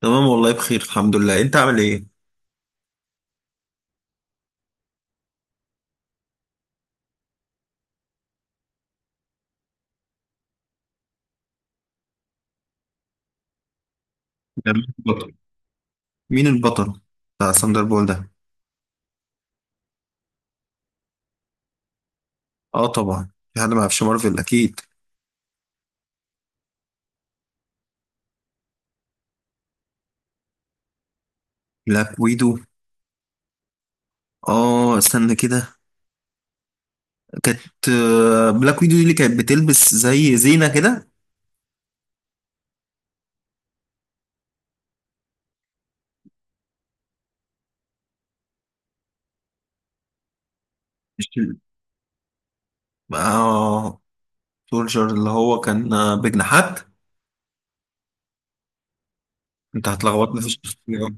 تمام والله بخير الحمد لله. انت عامل ايه؟ ده مين البطل؟ مين البطل بتاع ساندر بول ده. اه طبعا في حد ما يعرفش مارفل اكيد. بلاك ويدو. اه استنى كده. كانت آه، بلاك ويدو دي اللي كانت بتلبس زي زينة كده. مش ال- اه سولجر اللي هو كان بجناحات. انت هتلخبطني في الشخصيات.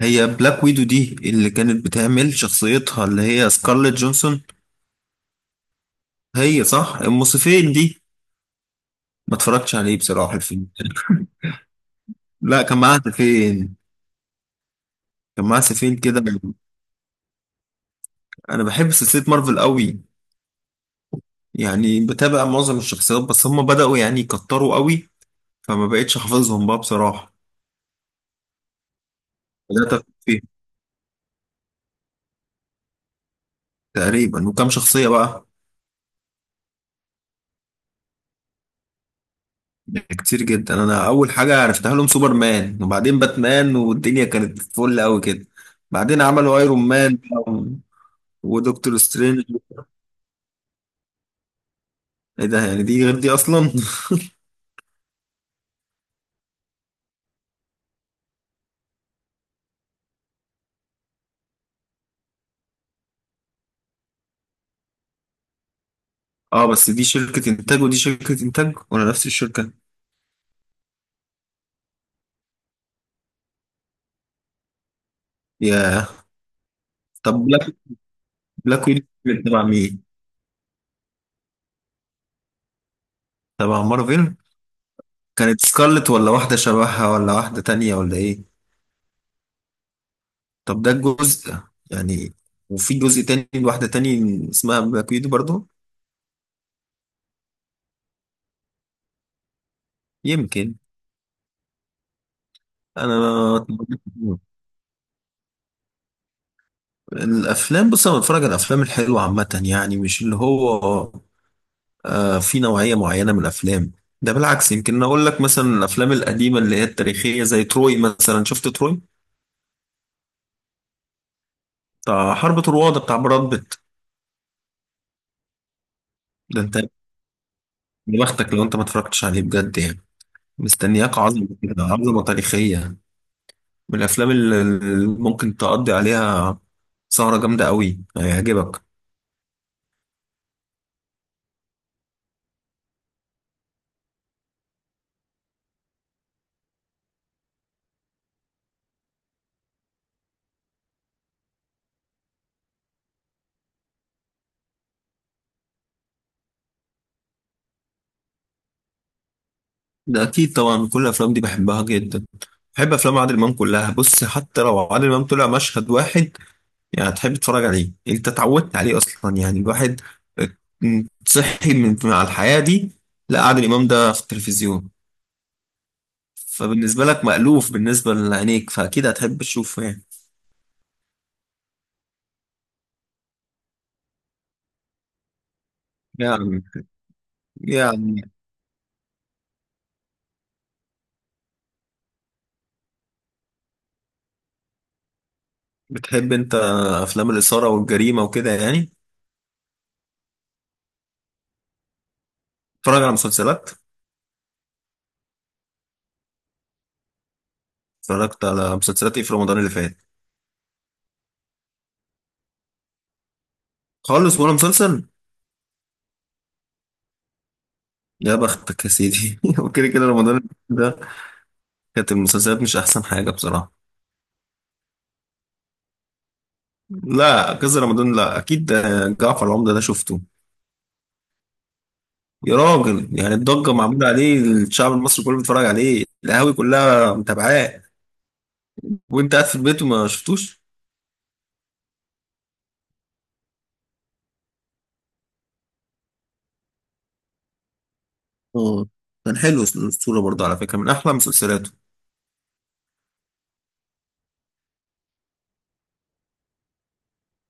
هي بلاك ويدو دي اللي كانت بتعمل شخصيتها اللي هي سكارليت جونسون. هي صح الموسيقين دي. ما اتفرجتش عليه بصراحة الفيلم. لا كان معاها فين؟ كان معاه سفين كده. انا بحب سلسله مارفل قوي، يعني بتابع معظم الشخصيات بس هم بداوا يعني يكتروا قوي، فما بقتش حافظهم بقى بصراحه. بدات أفهم فيه. تقريبا وكم شخصيه بقى؟ كتير جدا. انا اول حاجه عرفتها لهم سوبرمان وبعدين باتمان والدنيا كانت فل قوي كده. بعدين عملوا ايرون مان بقى ودكتور سترينج. ايه ده يعني دي غير دي اصلا؟ اه بس دي شركه انتاج ودي شركه انتاج ولا نفس الشركه؟ يا طب بلاك ويدو تبع مين؟ تبع مارفل. كانت سكارلت ولا واحدة شبهها ولا واحدة تانية ولا إيه؟ طب ده الجزء يعني. وفي جزء تاني لواحدة تانية اسمها باكيت برضو. يمكن. أنا الأفلام بص أنا بتفرج على الأفلام الحلوة عامة، يعني مش اللي هو آه في نوعية معينة من الأفلام. ده بالعكس، يمكن أقول لك مثلا الأفلام القديمة اللي هي التاريخية زي تروي مثلا. شفت تروي؟ بتاع حرب طروادة بتاع براد بيت. ده أنت، يا بختك لو أنت ما اتفرجتش عليه بجد يعني. مستنياك عظمة كده، عظمة تاريخية، من الافلام اللي ممكن تقضي عليها سهرة جامدة قوي. هيعجبك. ده اكيد طبعا كل الافلام دي بحبها جدا. بحب افلام عادل امام كلها بص، حتى لو عادل امام طلع مشهد واحد يعني تحب تتفرج عليه، انت اتعودت عليه اصلا. يعني الواحد صحي من مع الحياة دي. لا عادل امام ده في التلفزيون، فبالنسبة لك مألوف بالنسبة لعينيك فأكيد هتحب تشوفه يعني يعني بتحب أنت أفلام الإثارة والجريمة وكده يعني؟ تتفرج على مسلسلات؟ اتفرجت على مسلسلات ايه في رمضان اللي فات؟ خالص ولا مسلسل؟ يا بختك يا سيدي. وكده كده رمضان ده كانت المسلسلات مش احسن حاجه بصراحه. لا كذا رمضان، لا اكيد. آه، جعفر العمده ده شفته. يا راجل يعني الضجه معموله عليه، الشعب المصري كله بيتفرج عليه، القهاوي كلها متابعاه، وانت قاعد في البيت وما شفتوش! اه كان حلو الصوره برضه على فكره، من احلى مسلسلاته.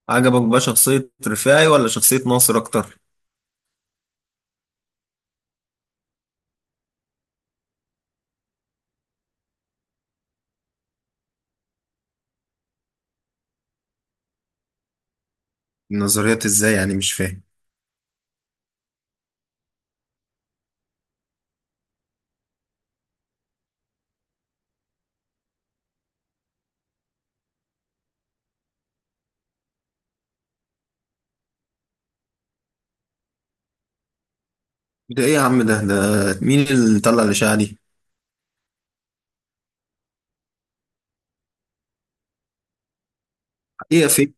عجبك بقى شخصيه رفاعي ولا شخصيه ناصر اكتر؟ النظريات ازاي يعني؟ مش فاهم. ده ايه يا عم؟ ده مين اللي طلع الاشاعه دي؟ ايه فيك؟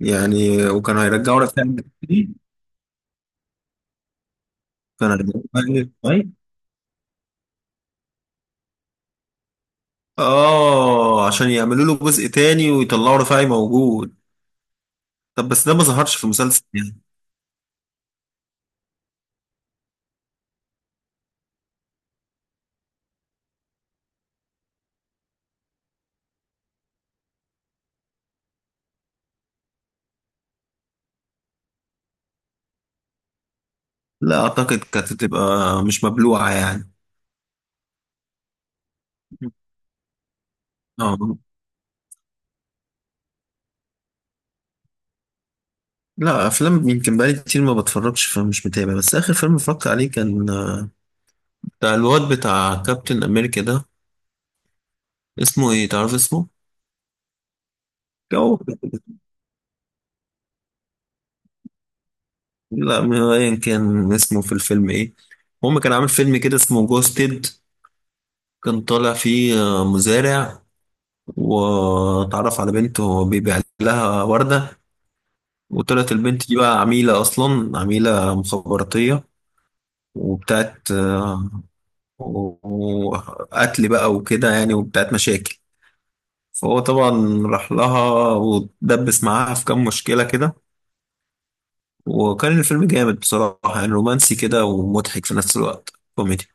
يعني وكانوا هيرجعوا لك تاني؟ كانوا هيرجعوا لك تاني. اه، عشان يعملوا له جزء تاني ويطلعوا رفاعي موجود. طب بس ده ما ظهرش في مسلسل يعني. لا اعتقد كانت تبقى مش مبلوعه يعني. اه. لا، افلام يمكن بقالي كتير ما بتفرجش فمش متابع. بس اخر فيلم اتفرجت عليه كان بتاع الواد بتاع كابتن امريكا ده. اسمه ايه؟ تعرف اسمه؟ جو. لا ما هو ايا كان اسمه في الفيلم ايه، المهم كان عامل فيلم كده اسمه جوستد. كان طالع فيه مزارع واتعرف على بنت وهو بيبيع لها وردة. وطلعت البنت دي بقى عميلة، أصلا عميلة مخابراتية وبتاعت وقتل بقى وكده يعني وبتاعت مشاكل. فهو طبعا راح لها ودبس معاها في كام مشكلة كده. وكان الفيلم جامد بصراحة، يعني رومانسي كده ومضحك في نفس الوقت، كوميدي.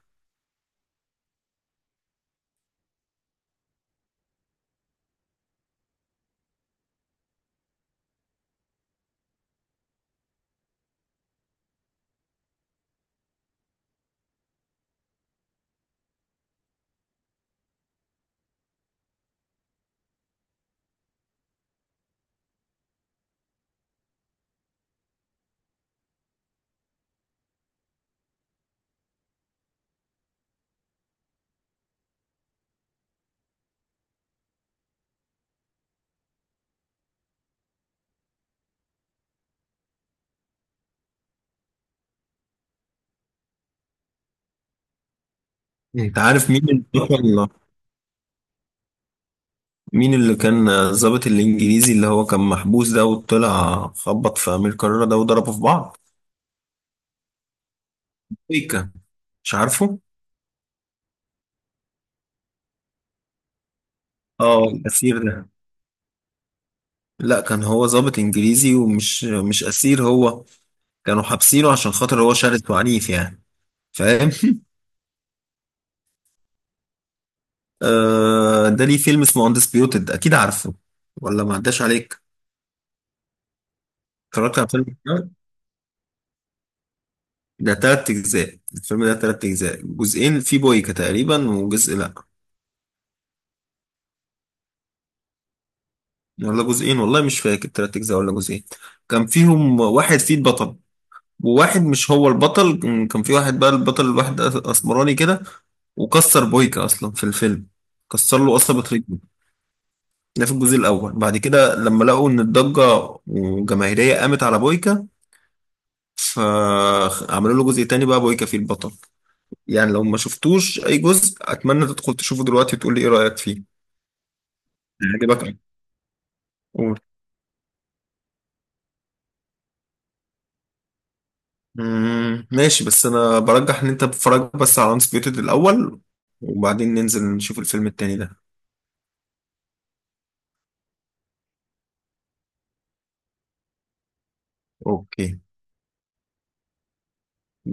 انت عارف مين اللي كان الضابط الانجليزي اللي هو كان محبوس ده وطلع خبط في امير كرارة ده وضربه في بعض؟ بيكا. مش عارفه. اه الاسير ده. لا، كان هو ضابط انجليزي ومش مش اسير هو. كانوا حابسينه عشان خاطر هو شرس وعنيف يعني. فاهم؟ آه ده ليه فيلم اسمه اندسبيوتد، اكيد عارفه ولا ما عداش عليك؟ اتفرجت على الفيلم ده؟ ده تلات اجزاء، الفيلم ده تلات اجزاء. جزئين في بويكا تقريبا وجزء لا. ولا جزئين والله مش فاكر، تلات أجزاء ولا جزئين. كان فيهم واحد فيه البطل وواحد مش هو البطل. كان في واحد بقى البطل، الواحد أسمراني كده، وكسر بويكا أصلا في الفيلم، كسر له قصبة رجله. ده في الجزء الأول. بعد كده لما لقوا إن الضجة وجماهيرية قامت على بويكا فعملوا له جزء تاني بقى بويكا فيه البطل. يعني لو ما شفتوش أي جزء أتمنى تدخل تشوفه دلوقتي وتقول لي إيه رأيك فيه. عجبك؟ مم، ماشي. بس انا برجح ان انت تتفرج بس على انسبيوتد الاول وبعدين ننزل نشوف الفيلم التاني ده. اوكي.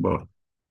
باي.